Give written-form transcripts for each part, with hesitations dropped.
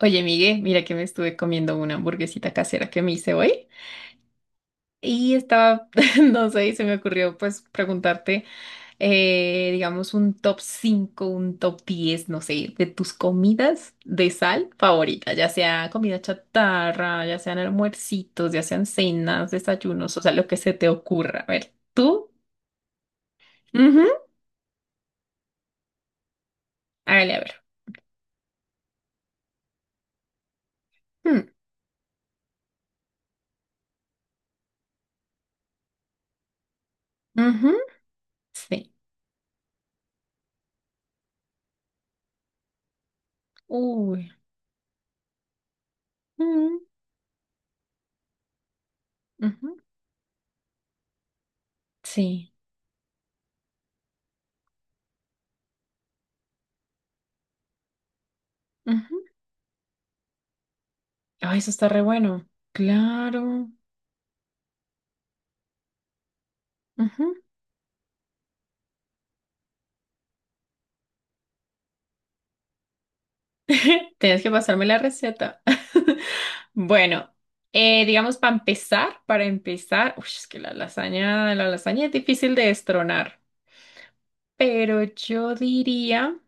Oye, Miguel, mira que me estuve comiendo una hamburguesita casera que me hice hoy y estaba, no sé, y se me ocurrió pues preguntarte, digamos, un top 5, un top 10, no sé, de tus comidas de sal favorita, ya sea comida chatarra, ya sean almuercitos, ya sean cenas, desayunos, o sea, lo que se te ocurra. A ver, tú. Ujú. Hágale, a ver. Mm, ujú. Sí. Uy. Mm, ujú. Sí. Ay, eso está re bueno. Claro. Ujú. Tienes que pasarme la receta. Bueno, digamos para empezar, uy, es que la lasaña es difícil de destronar, pero yo diría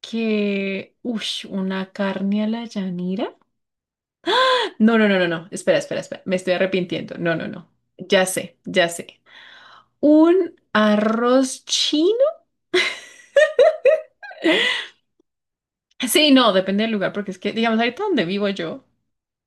que, uy, una carne a la llanera. No, no, no, no, no. Espera, espera, espera. Me estoy arrepintiendo. No, no, no. Ya sé, ya sé. Un arroz chino. Sí, no, depende del lugar, porque es que, digamos, ahorita donde vivo yo.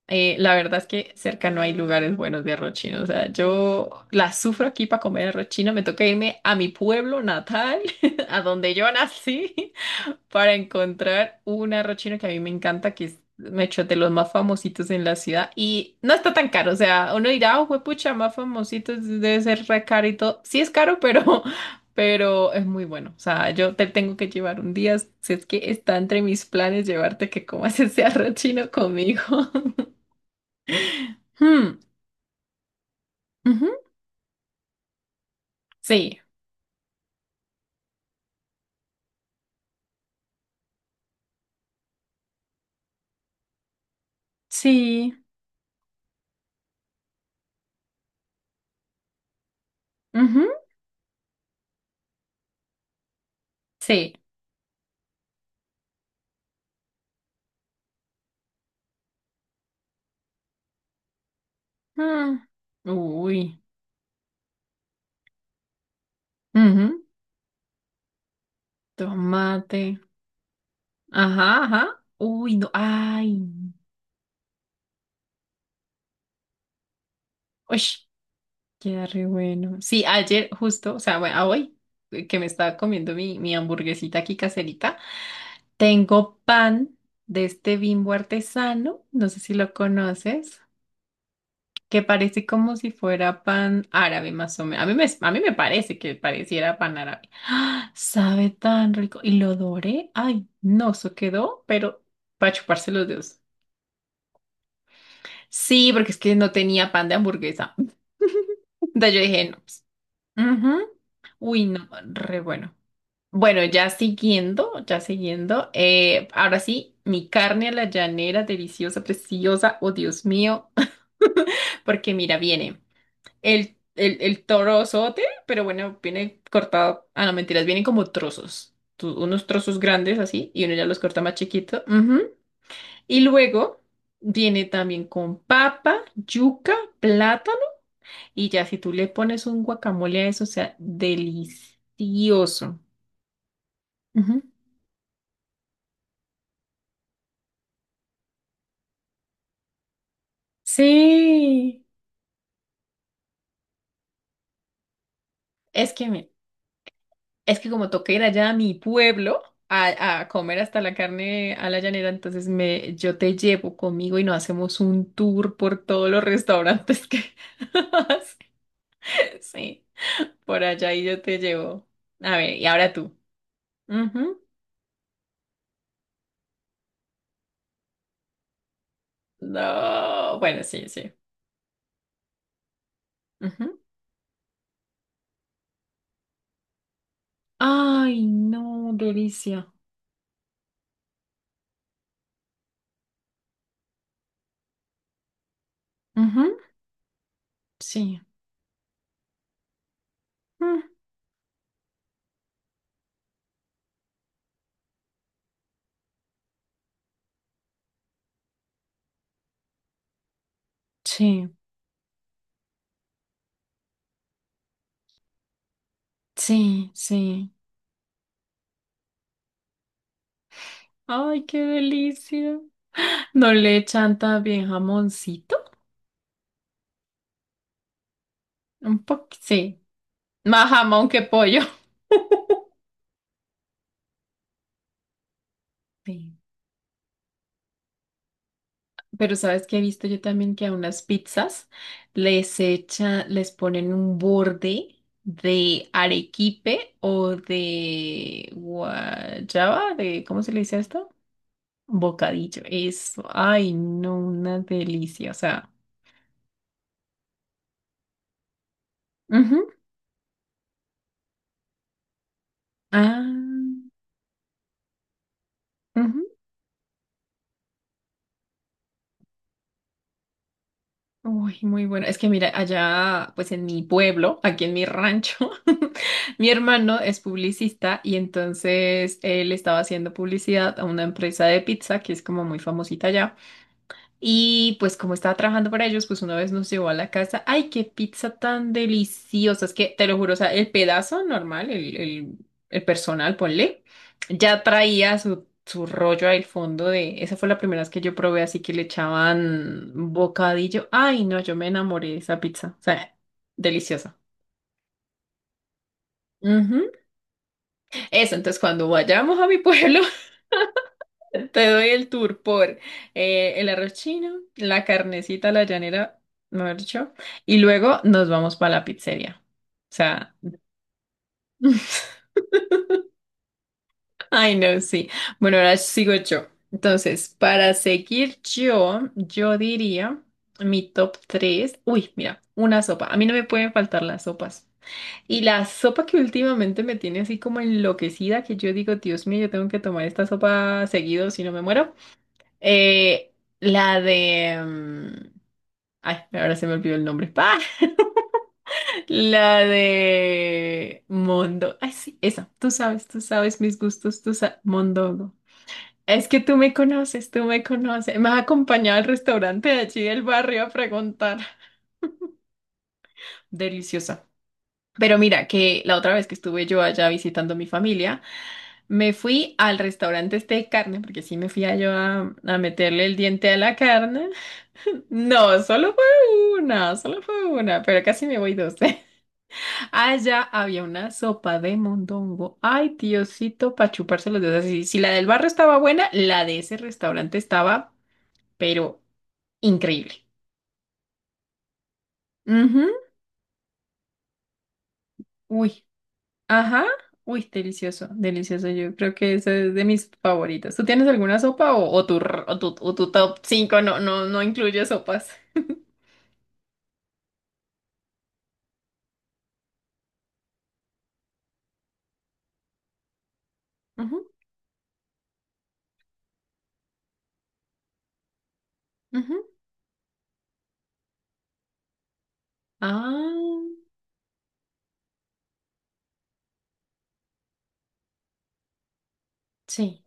La verdad es que cerca no hay lugares buenos de arroz chino. O sea, yo la sufro aquí para comer arroz chino. Me toca irme a mi pueblo natal, a donde yo nací, para encontrar un arroz chino que a mí me encanta, que es me echo, de los más famositos en la ciudad. Y no está tan caro. O sea, uno dirá, oh, juepucha, más famositos debe ser re caro y todo. Sí es caro, pero, pero es muy bueno. O sea, yo te tengo que llevar un día. Si es que está entre mis planes llevarte que comas ese arroz chino conmigo. Hmm. Ujú. Sí, sí, ujú, sí. Mm. Uy, ujú. Tomate. Ajá, ajá. Uy, no, ay. Uy, queda re bueno. Sí, ayer justo, o sea, bueno, a hoy que me estaba comiendo mi hamburguesita aquí caserita, tengo pan de este Bimbo artesano, no sé si lo conoces, que parece como si fuera pan árabe, más o menos. A mí me parece que pareciera pan árabe. ¡Ah! Sabe tan rico. Y lo doré. Ay, no, eso quedó, pero para chuparse los dedos. Sí, porque es que no tenía pan de hamburguesa. Entonces yo dije, no, pues, ujú. Uy, no, re bueno. Bueno, ya siguiendo, ya siguiendo, ahora sí, mi carne a la llanera, deliciosa, preciosa. Oh, Dios mío. Porque mira, viene el torozote, pero bueno, viene cortado. Ah, no, mentiras, vienen como trozos. Unos trozos grandes así, y uno ya los corta más chiquito. Ujú. Y luego viene también con papa, yuca, plátano. Y ya si tú le pones un guacamole a eso, o sea, delicioso. Ujú. Sí, es que me- Es que como toca ir allá a mi pueblo a comer hasta la carne a la llanera, entonces me, yo te llevo conmigo y nos hacemos un tour por todos los restaurantes que sí, por allá y yo te llevo. A ver, y ahora tú. Ujú. No, bueno, sí, sí. Ujú. Ay, no, delicia. Ujú. Sí. Mm, sí, sí, sí. Ay, qué delicia. ¿No le echan también jamoncito? Un poco, sí. Más jamón que pollo. Sí. Pero sabes que he visto yo también que a unas pizzas les echa, les ponen un borde de arequipe o de guayaba, de, ¿cómo se le dice esto? Bocadillo. Eso. Ay, no, una delicia. O sea. Ujú. Ah. Ujú. Uy, muy bueno. Es que mira, allá, pues en mi pueblo, aquí en mi rancho, mi hermano es publicista y entonces él estaba haciendo publicidad a una empresa de pizza que es como muy famosita allá. Y pues como estaba trabajando para ellos, pues una vez nos llevó a la casa. ¡Ay, qué pizza tan deliciosa! Es que te lo juro, o sea, el pedazo normal, el personal, ponle, ya traía su rollo al fondo de... Esa fue la primera vez que yo probé, así que le echaban bocadillo. ¡Ay, no! Yo me enamoré de esa pizza. O sea, deliciosa. Ujú. Eso, entonces cuando vayamos a mi pueblo, te doy el tour por el arroz chino, la carnecita, a la llanera, mejor dicho, y luego nos vamos para la pizzería. O sea, ay no, sí. Bueno, ahora sigo yo. Entonces, para seguir yo, yo diría mi top 3. Uy, mira, una sopa. A mí no me pueden faltar las sopas. Y la sopa que últimamente me tiene así como enloquecida, que yo digo, Dios mío, yo tengo que tomar esta sopa seguido, si no me muero. Eh, la de... ay, ahora se me olvidó el nombre. ¡Ah! La de Mondo. Ay, sí, esa. Tú sabes mis gustos, tú sabes. Mondongo. Es que tú me conoces, tú me conoces. Me has acompañado al restaurante de allí del barrio a preguntar. Deliciosa. Pero mira, que la otra vez que estuve yo allá visitando a mi familia, me fui al restaurante este de carne, porque sí me fui a yo a meterle el diente a la carne. No, solo fue una, pero casi me voy dos. Allá había una sopa de mondongo. Ay, Diosito, para chuparse los dedos. Si, si la del barrio estaba buena, la de ese restaurante estaba, pero increíble. Ujú. Uy, ajá. Uy, delicioso, delicioso. Yo creo que eso es de mis favoritos. ¿Tú tienes alguna sopa o, o tu top cinco no, no, no incluye sopas? Ujú, ujú. Ah, sí.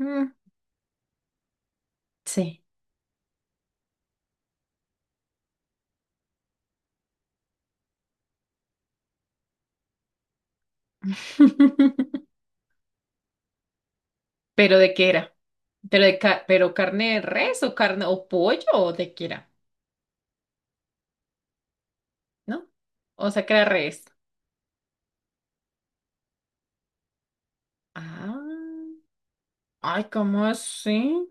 Mm, sí. ¿Pero de qué era? ¿Pero carne de res o carne o pollo o de qué era? ¿No? O sea, que era res. Ah, ay, ¿cómo así?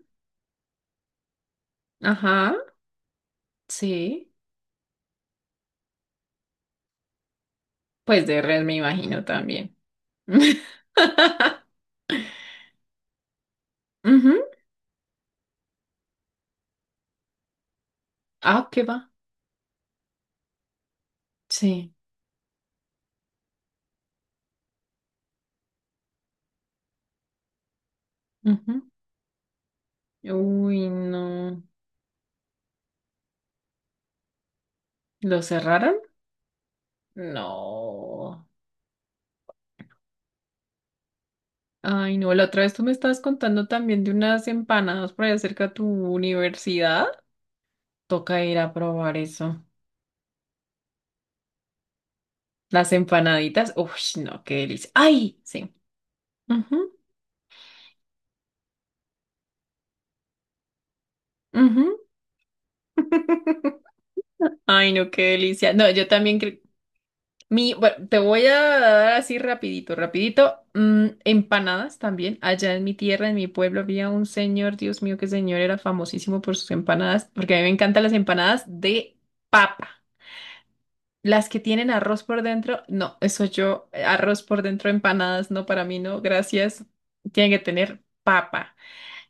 Ajá, sí. Pues de res me imagino también. Ujú. Ah, ¿qué va? Sí. Ujú. Uy, no. ¿Lo cerraron? No. Ay, no. La otra vez tú me estabas contando también de unas empanadas por allá cerca de tu universidad. Toca ir a probar eso. Las empanaditas, uff, no, qué delicia. ¡Ay! Sí. Ujú, ujú. Ay, no, qué delicia. No, yo también creo. Mi, bueno, te voy a dar así rapidito, rapidito. Mm, empanadas también. Allá en mi tierra, en mi pueblo, había un señor, Dios mío, qué señor, era famosísimo por sus empanadas, porque a mí me encantan las empanadas de papa. Las que tienen arroz por dentro, no, eso yo, arroz por dentro, empanadas, no, para mí no, gracias. Tienen que tener papa.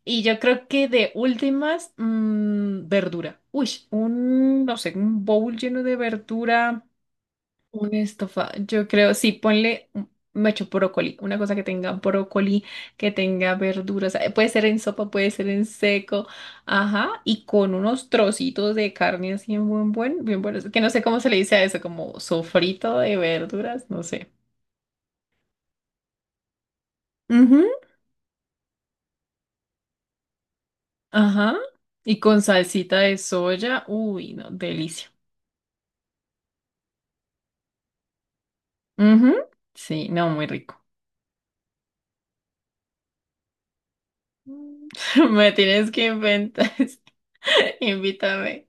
Y yo creo que de últimas, mm, verdura. Uy, un, no sé, un bowl lleno de verdura, un estofa. Yo creo, sí, ponle, me echo brócoli, una cosa que tenga brócoli, que tenga verduras. Puede ser en sopa, puede ser en seco. Ajá, y con unos trocitos de carne así en bien buenos. Que no sé cómo se le dice a eso, como sofrito de verduras, no sé. Ujú. Ajá, y con salsita de soya. Uy, no, delicia. Ujú. Sí, no, muy rico. Mm. Me tienes que inventar. Invítame.